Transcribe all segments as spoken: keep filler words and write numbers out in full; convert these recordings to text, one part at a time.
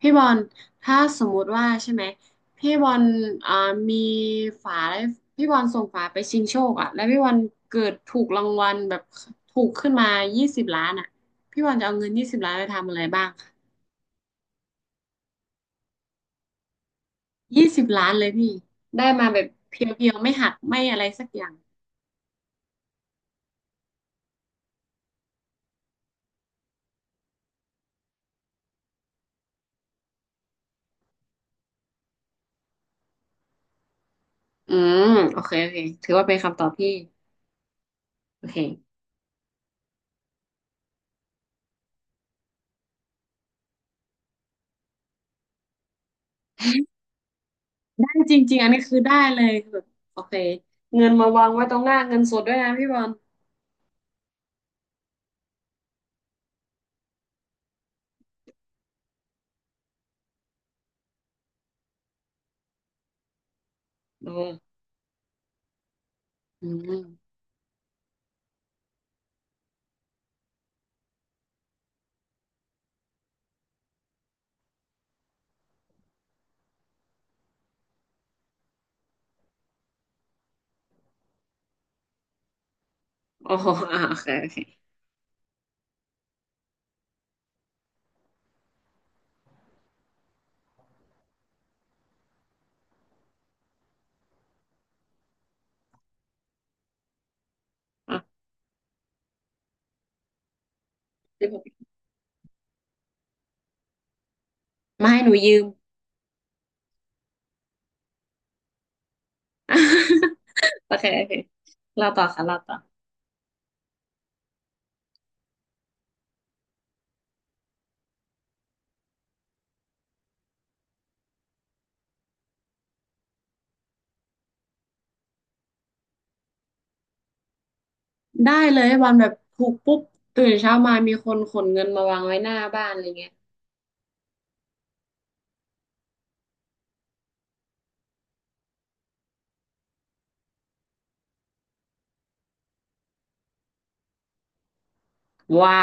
พี่บอลถ้าสมมุติว่าใช่ไหมพี่บอลอ่ามีฝาแล้วพี่บอลส่งฝาไปชิงโชคอ่ะแล้วพี่บอลเกิดถูกรางวัลแบบถูกขึ้นมายี่สิบล้านอ่ะพี่บอลจะเอาเงินยี่สิบล้านไปทำอะไรบ้างคะยี่สิบล้านเลยพี่ได้มาแบบเพียวๆไม่หักไม่อะไรสักอย่างอืมโอเคโอเคถือว่าเป็นคำตอบที่โอเคได้จริงๆอันนี้คือได้เลยคือแบบโอเคเงินมาวางไว้ตรงหน้าเงินสดด้วยนะพี่บอลโอ้อืมโอ้โหอ่าโอเคโอเค อ่ะสิบหกมาให้หนูยืม โอเคโอเคเราต่อค่ะเราต่อได้เลยวันแบบถูกปุ๊บตื่นเช้ามามีคนขนเงินมาวางไว้หน้าบ้านอะไรเงี้ยว้า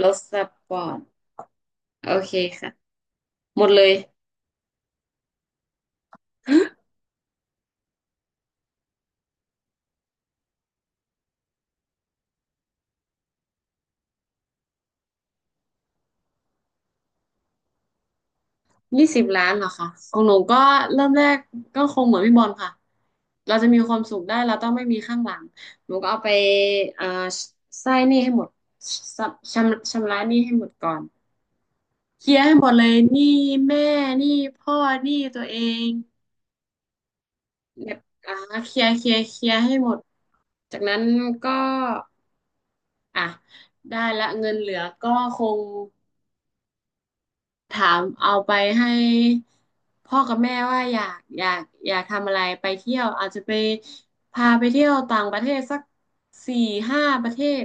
รถสปอร์ตโอเคค่ะหมดเลยยี่สิบล้านเหรอคะของหนูก็เริ่มแรกก็คงเหมือนพี่บอลค่ะเราจะมีความสุขได้เราต้องไม่มีข้างหลังหนูก็เอาไปอ่าใช้หนี้ให้หมดชำชำระหนี้ให้หมดก่อน เคลียร์ให้หมดเลยหนี้แม่หนี้พ่อหนี้ตัวเองแบบอ่าเคลียร์เคลียร์เคลียร์ให้หมดจากนั้นก็อ่ะได้ละเงินเหลือก็คงถามเอาไปให้พ่อกับแม่ว่าอยากอยากอยากทำอะไรไปเที่ยวอาจจะไปพาไปเที่ยวต่างประเทศสักสี่ห้าประเทศ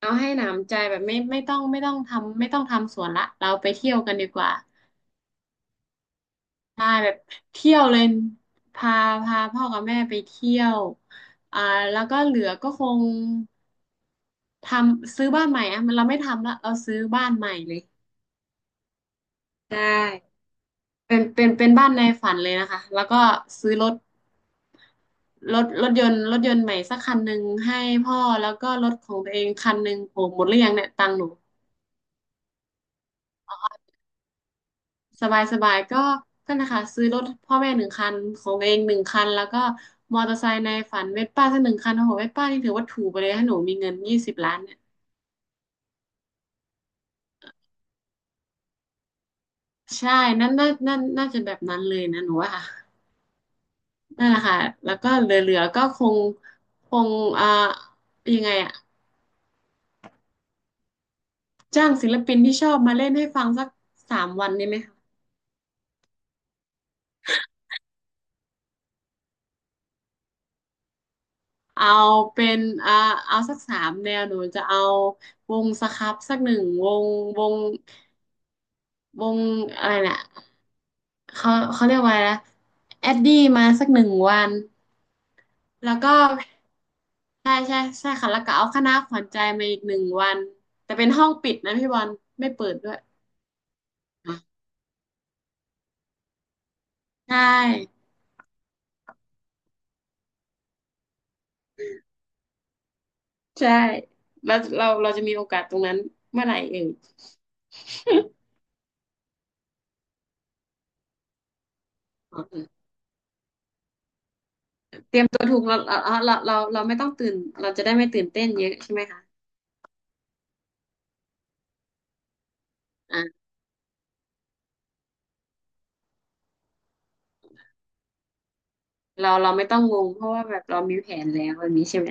เอาให้หนำใจแบบไม่ไม่ต้องไม่ต้องทำไม่ต้องทำสวนละเราไปเที่ยวกันดีกว่า ใช่แบบเที่ยวเลยพาพาพ่อกับแม่ไปเที่ยวอ่าแล้วก็เหลือก็คงทำซื้อบ้านใหม่อะมันเราไม่ทำละเราซื้อบ้านใหม่เลยใช่เป็นเป็นเป็นบ้านในฝันเลยนะคะแล้วก็ซื้อรถรถรถยนต์รถยนต์ใหม่สักคันหนึ่งให้พ่อแล้วก็รถของตัวเองคันหนึ่งโหหมดหรือยังเนี่ยตังค์หนู สบายสบายก็ก็นะคะซื้อรถพ่อแม่หนึ่งคันของตัวเองหนึ่งคันแล้วก็มอเตอร์ไซค์ในฝันเวสป้าสักหนึ่งคันโอ้โหเวสป้านี่ถือว่าถูกไปเลยถ้าหนูมีเงินยี่สิบล้านเนี่ยใช่นั่นน่าน่าน่าจะแบบนั้นเลยนะหนูว่าค่ะนั่นแหละค่ะแล้วก็เหลือๆก็คงคงอ่ายังไงอะจ้างศิลปินที่ชอบมาเล่นให้ฟังสักสามวันนี้ไหมคะเอาเป็นอ่าเอาสักสามแนวหนูจะเอาวงสครับสักหนึ่งวงวงวงอะไรนะ เขาเขาเรียกว่าอะไรนะแอดดี้มาสักหนึ่งวันแล้วก็ใช่ใช่ใช่ค่ะแล้วก็เอาคณะขวัญใจมาอีกหนึ่งวันแต่เป็นห้องปิดนะพี่บอลไม่เปิดด้วยใช่ใช่แล้วเราเราจะมีโอกาสตรงนั้นเมื่อไหร่เอ่ย เตรียมตัวถูกเราเราเราเราเราไม่ต้องตื่นเราจะได้ไม่ตื่นเต้นเยอะใช่ไหมคะอ่าเราเราไม่ต้องงงเพราะว่าแบบเรามีแผนแล้วแบบนี้ใช่ไหม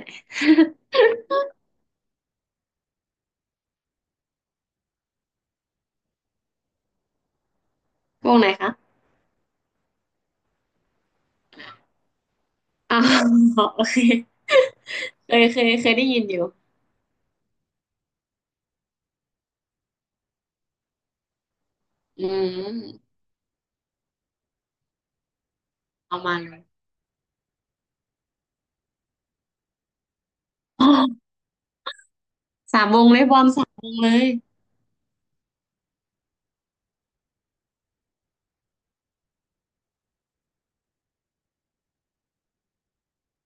วงไหนคะอ๋า โอเคเคยเคยเคยได้ยินอยู่อืม ประมาณอ๋อ สามวงเลยบอมสามวงเลย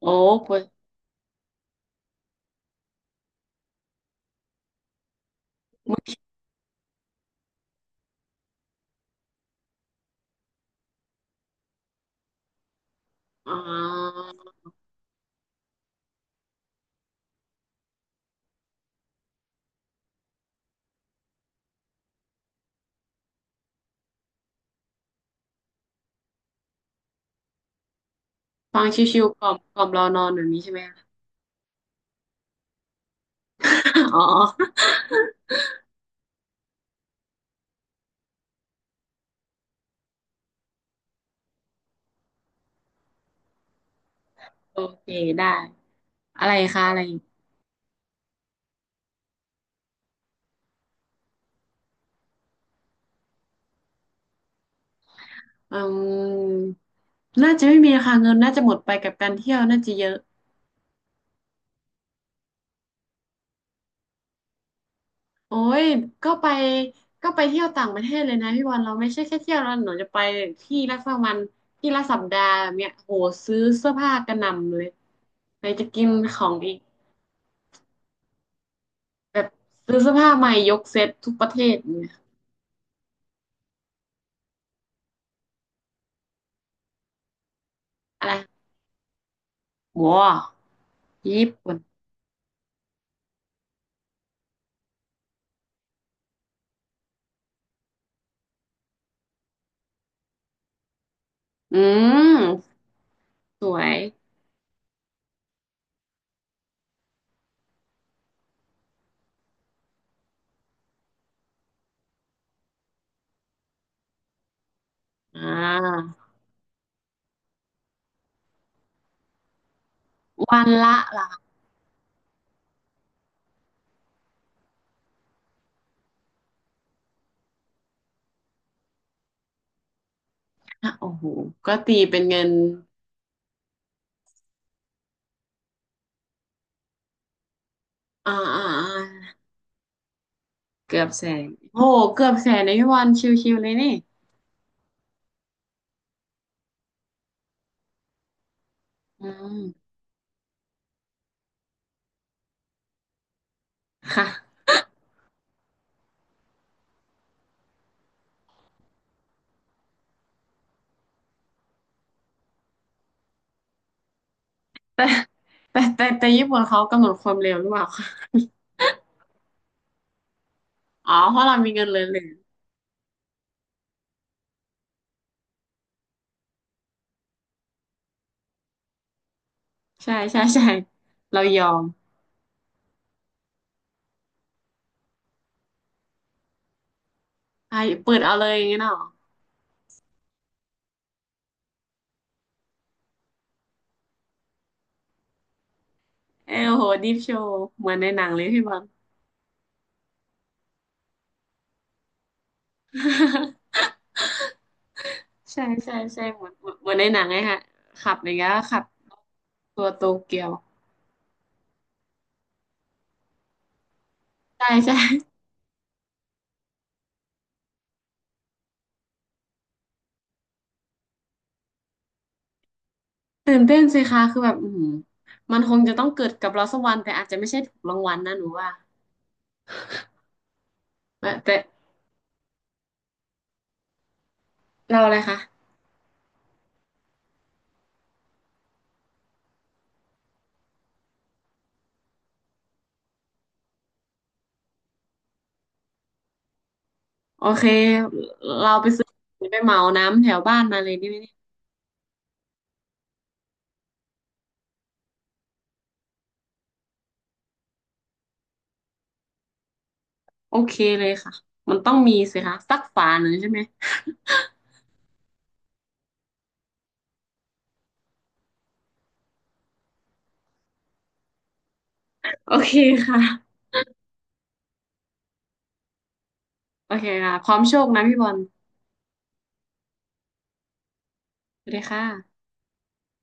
โอ้ปวดอ๋อฟังชิวๆกล่อมกล่อมรอนอนแบบนี้ใช่ไหมคะ อ๋อ โอเคได้อะไรคะอะไรอีกอืมน่าจะไม่มีคะคะเงินน่าจะหมดไปกับการเที่ยวน่าจะเยอะโอ้ยก็ไปก็ไปเที่ยวต่างประเทศเลยนะพี่บอลเราไม่ใช่แค่เที่ยวแล้วหนูจะไปที่ละสักวันที่ละสัปดาห์แบบเนี้ยโหซื้อเสื้อผ้ากระหน่ำเลยไหนจะกินของอีก แบบซื้อเสื้อผ้าใหม่ยกเซ็ตทุกประเทศเนี่ยอะไรว้วญี่ปุ่นอืมสวยอ่าวันละล้านอะโอ้โหก็ตีเป็นเงินอ่าอ่าอ่าเกือบแสนโอ้โหเกือบแสนในพี่วันชิวๆเลยนี่อืมค่ะแต่แต่แต่แต่ญี่ปุ่นเขากำหนดความเร็วหรือเปล่าคะอ๋อเพราะเรามีเงินเหลือๆใช่ใช่ใช่เรายอมไอ้เปิดเอาเลยอย่างงี้เนาะเออโหดิฟโชว์เหมือนในหนังเลยพี่บอล ใช่ใช่ใช่เหมือนเหมือนเหมือนในหนังไงฮะขับอย่างเงี้ยขับตัวโตเกียวใช่ใช่ตื่นเต้นสิคะคือแบบอือหือมันคงจะต้องเกิดกับเราสักวันแต่อาจจะไม่ใช่ถูกรางวัลนะหนูว่าแต่แต่เราอะไรคะโอเคเราไปซื้อไปเหมาน้ำแถวบ้านมาเลยนี่ไหมเนี่ยโอเคเลยค่ะมันต้องมีสิคะสักฝาหนึ่งใช่ไหมโอเคค่ะโอเคค่ะพร้อมโชคนะพี่บอลสวัสดีค่ะ